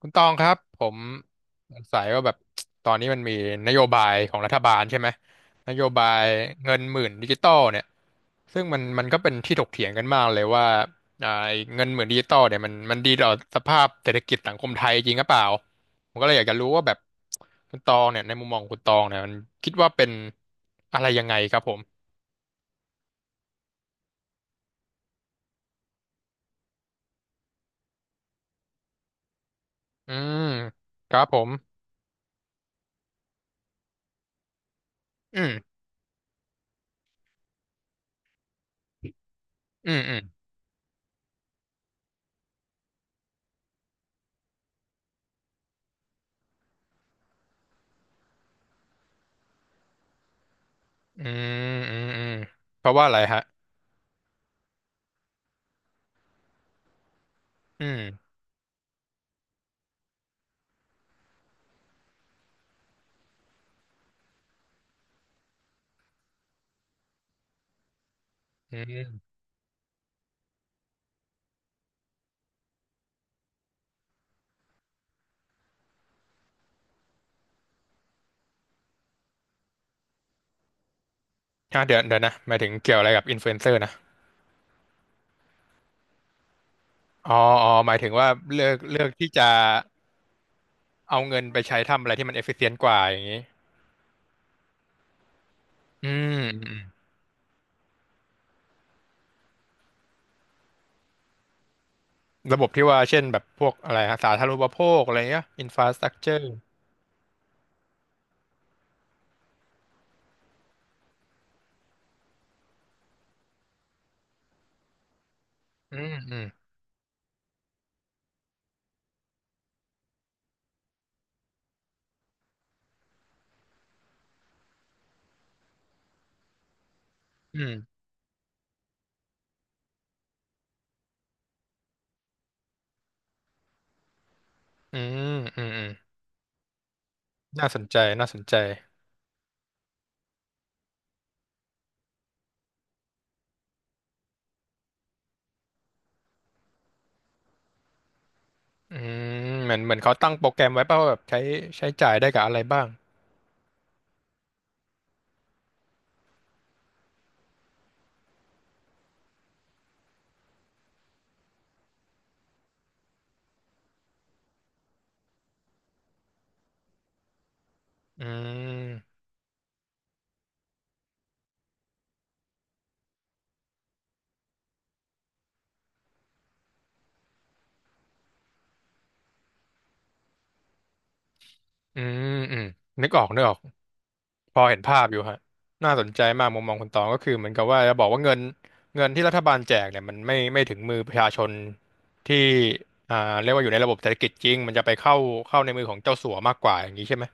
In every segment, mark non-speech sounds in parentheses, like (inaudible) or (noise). คุณตองครับผมสงสัยว่าแบบตอนนี้มันมีนโยบายของรัฐบาลใช่ไหมนโยบายเงินหมื่นดิจิตอลเนี่ยซึ่งมันก็เป็นที่ถกเถียงกันมากเลยว่าไอ้เงินหมื่นดิจิตอลเนี่ยมันดีต่อสภาพเศรษฐกิจสังคมไทยจริงหรือเปล่าผมก็เลยอยากจะรู้ว่าแบบคุณตองเนี่ยในมุมมองของคุณตองเนี่ยมันคิดว่าเป็นอะไรยังไงครับผมอืมครับผมอืมอืมอืมอืมอืมอืมเพราะว่าอะไรฮะอืมอืม อ่ะเดี๋ยวเดี๋ยวนะหมายถึงเกี่ยวอะไรกับอินฟลูเอนเซอร์นะอ๋ออ๋อหมายถึงว่าเลือกที่จะเอาเงินไปใช้ทำอะไรที่มันเอฟฟิเชนต์กว่าอย่างนี้อืมอืมระบบที่ว่าเช่นแบบพวกอะไรฮะสาธารณูปโภคอะไรเงี้ยอินฟราสตรักเจอร์อืมอืมอืมอืมอืมอืมน่าสนใจน่าสนใจอืมเหมือนเหมือนเขาตั้งโปรแกรมไว้ป่ะว่าแบบใช้ใช้จ่ายได้กับอะไรบ้างอืมอืมอืมนึกออกนึกออก พอเห็นภาพอยู่ฮะน่าสนใจมากมุมมองคุณตองก็คือเหมือนกับว่าจะบอกว่าเงินเงินที่รัฐบาลแจกเนี่ยมันไม่ถึงมือประชาชนที่อ่าเรียกว่าอยู่ในระบบเศรษฐกิจจริงมันจะไปเข้าในมือของเจ้าสัวมากกว่าอย่างนี้ใช่ไหม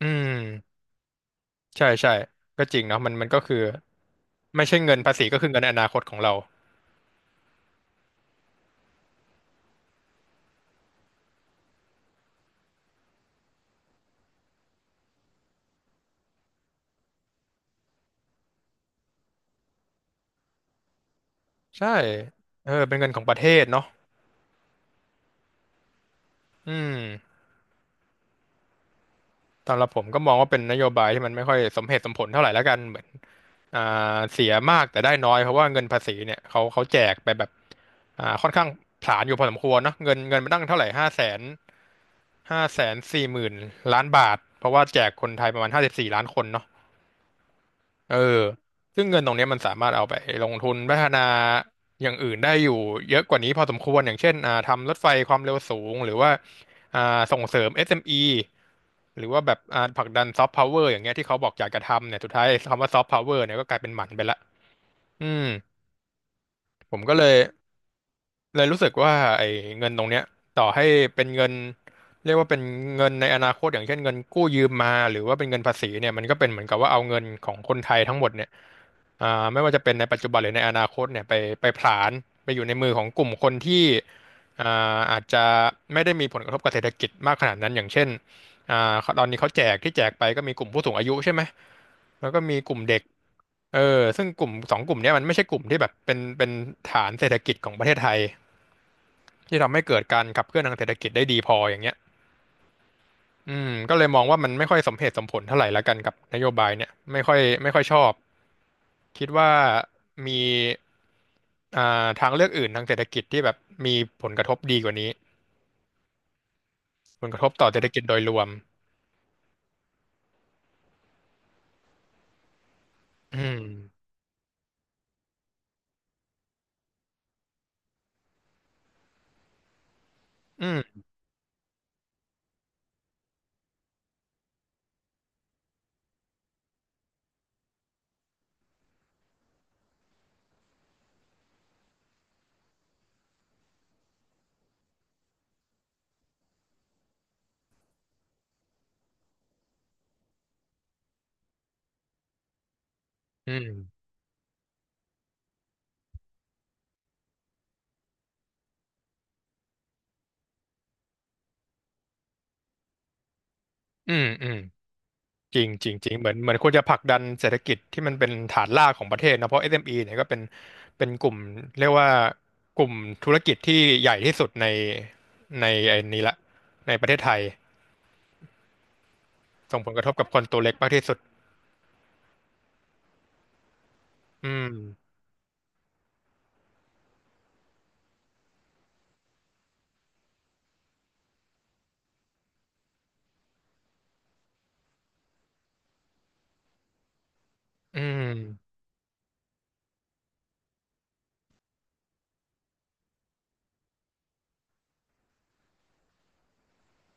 อืมใช่ใช่ก็จริงเนาะมันมันก็คือไม่ใช่เงินภาษีก็คือเงินในอนาคตของเราใช่เออเป็นเงินของประเทศเนาะอืม สำหรับผมก็มองว่าเป็นนโยบายที่มันไม่ค่อยสมเหตุสมผลเท่าไหร่แล้วกันเหมือนอ่เสียมากแต่ได้น้อยเพราะว่าเงินภาษีเนี่ยเขาแจกไปแบบค่อนข้างผลาญอยู่พอสมควรเนาะเงินมันตั้งเท่าไหร่540,000 ล้านบาทเพราะว่าแจกคนไทยประมาณ54 ล้านคนเนาะเออซึ่งเงินตรงเนี้ยมันสามารถเอาไปลงทุนพัฒนาอย่างอื่นได้อยู่เยอะกว่านี้พอสมควรอย่างเช่นทำรถไฟความเร็วสูงหรือว่าอ่าส่งเสริมเอสเอ็มอี หรือว่าแบบผลักดันซอฟต์พาวเวอร์อย่างเงี้ยที่เขาบอกอยากจะทำเนี่ยสุดท้าย (laughs) คำว่าซอฟต์พาวเวอร์เนี่ยก็กลายเป็นหมันไปละอืมผมก็เลยรู้สึกว่าไอ้เงินตรงเนี้ยต่อให้เป็นเงินเรียกว่าเป็นเงินในอนาคตอย่างเช่นเงินกู้ยืมมาหรือว่าเป็นเงินภาษีเนี่ยมันก็เป็นเหมือนกับว่าเอาเงินของคนไทยทั้งหมดเนี่ย ไม่ว่าจะเป็นในปัจจุบันหรือในอนาคตเนี่ยไปผลาญไปอยู่ในมือของกลุ่มคนที่อ่อาจจะไม่ได้มีผลกระทบกับเศรษฐกิจมากขนาดนั้นอย่างเช่นตอนนี้เขาแจกที่แจกไปก็มีกลุ่มผู้สูงอายุใช่ไหมแล้วก็มีกลุ่มเด็กเออซึ่งกลุ่มสองกลุ่มเนี้ยมันไม่ใช่กลุ่มที่แบบเป็นฐานเศรษฐกิจของประเทศไทยที่ทำให้เกิดการขับเคลื่อนทางเศรษฐกิจได้ดีพออย่างเงี้ยอืมก็เลยมองว่ามันไม่ค่อยสมเหตุสมผลเท่าไหร่ละกันกับนโยบายเนี่ยไม่ค่อยชอบคิดว่ามี อ่าทางเลือกอื่นทางเศรษฐกิจที่แบบมีผลกระทบดีกว่านี้ผลกระทบต่อเศรษฐกิจโดยรวมอืมอืมอืมอืมอืมจริงจริงจริงเหมือนควรจะผลักดันเศรษฐกิจที่มันเป็นฐานรากของประเทศนะเพราะ SME เอ็มอีเนี่ยก็เป็นกลุ่มเรียกว่ากลุ่มธุรกิจที่ใหญ่ที่สุดในไอ้นี้ละในประเทศไทยส่งผลกระทบกับคนตัวเล็กมากที่สุดอืมอืม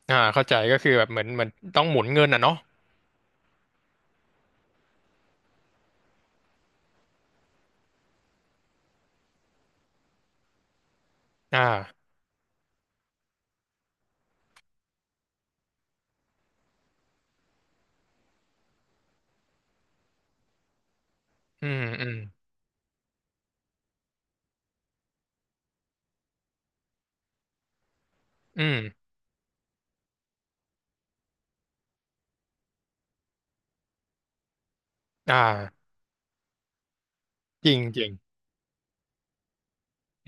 อ่าเข้าใจก็คือแบบเหมือนต้องหมุนเงินอ่ะเนาะอ่าอืมอืมอืมอ่า จริงจริง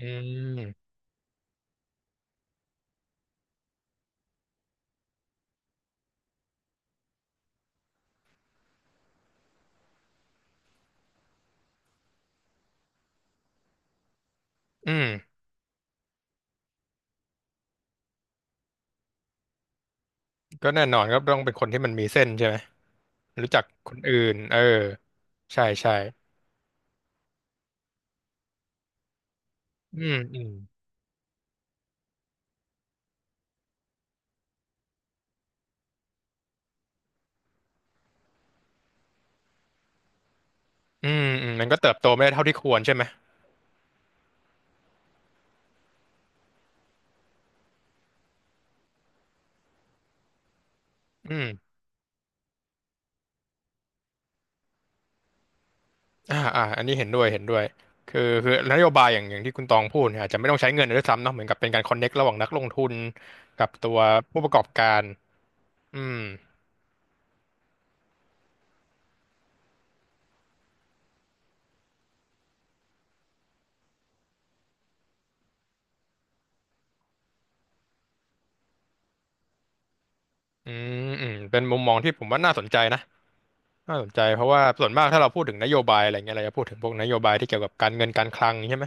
อืมอืมก็แน่นอนก็ต้องเป็นคนที่มันมีเส้นใช่ไหมรู้จักคนอื่นเออใช่ใช่อืมอืมอืมอืมมันก็เติบโตไม่ได้เท่าที่ควรใช่ไหมอืมอ่าอ่าอันนี้เห็นด้วยเห็นด้วยคือนโยบายอย่างที่คุณตองพูดเนี่ยอาจจะไม่ต้องใช้เงินด้วยซ้ำเนาะเหมือนกับเป็นการคอนเน็กระหว่างนักลงทุนกับตัวผู้ประกอบการอืมอืมอืมเป็นมุมมองที่ผมว่าน่าสนใจนะน่าสนใจเพราะว่าส่วนมากถ้าเราพูดถึงนโยบายอะไรเงี้ยเราจะพูดถึงพวกนโยบายที่เกี่ยวกับการเงินการคลังใช่ไหม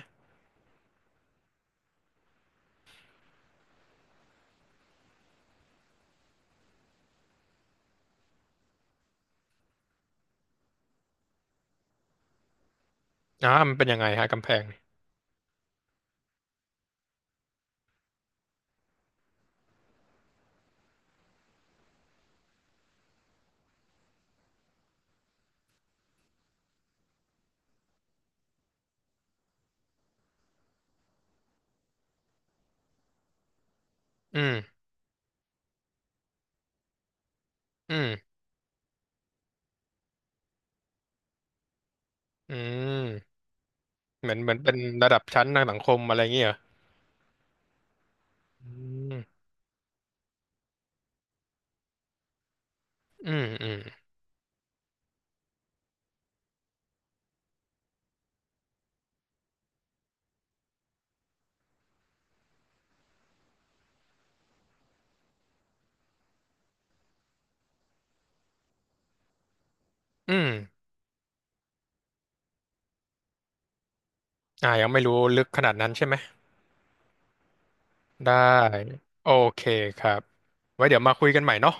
อ่ามันเป็นยังไงฮะกำแพง อืม อืม อืม เหมือนเป็นระดับชั้นทางสังคมอะไรอย่างเงี้ยเหรออืมอืม อืม อืม อ่ายังไม่รู้ลึกขนาดนั้นใช่ไหม ได้ โอเคครับไว้เดี๋ยวมาคุยกันใหม่เนาะ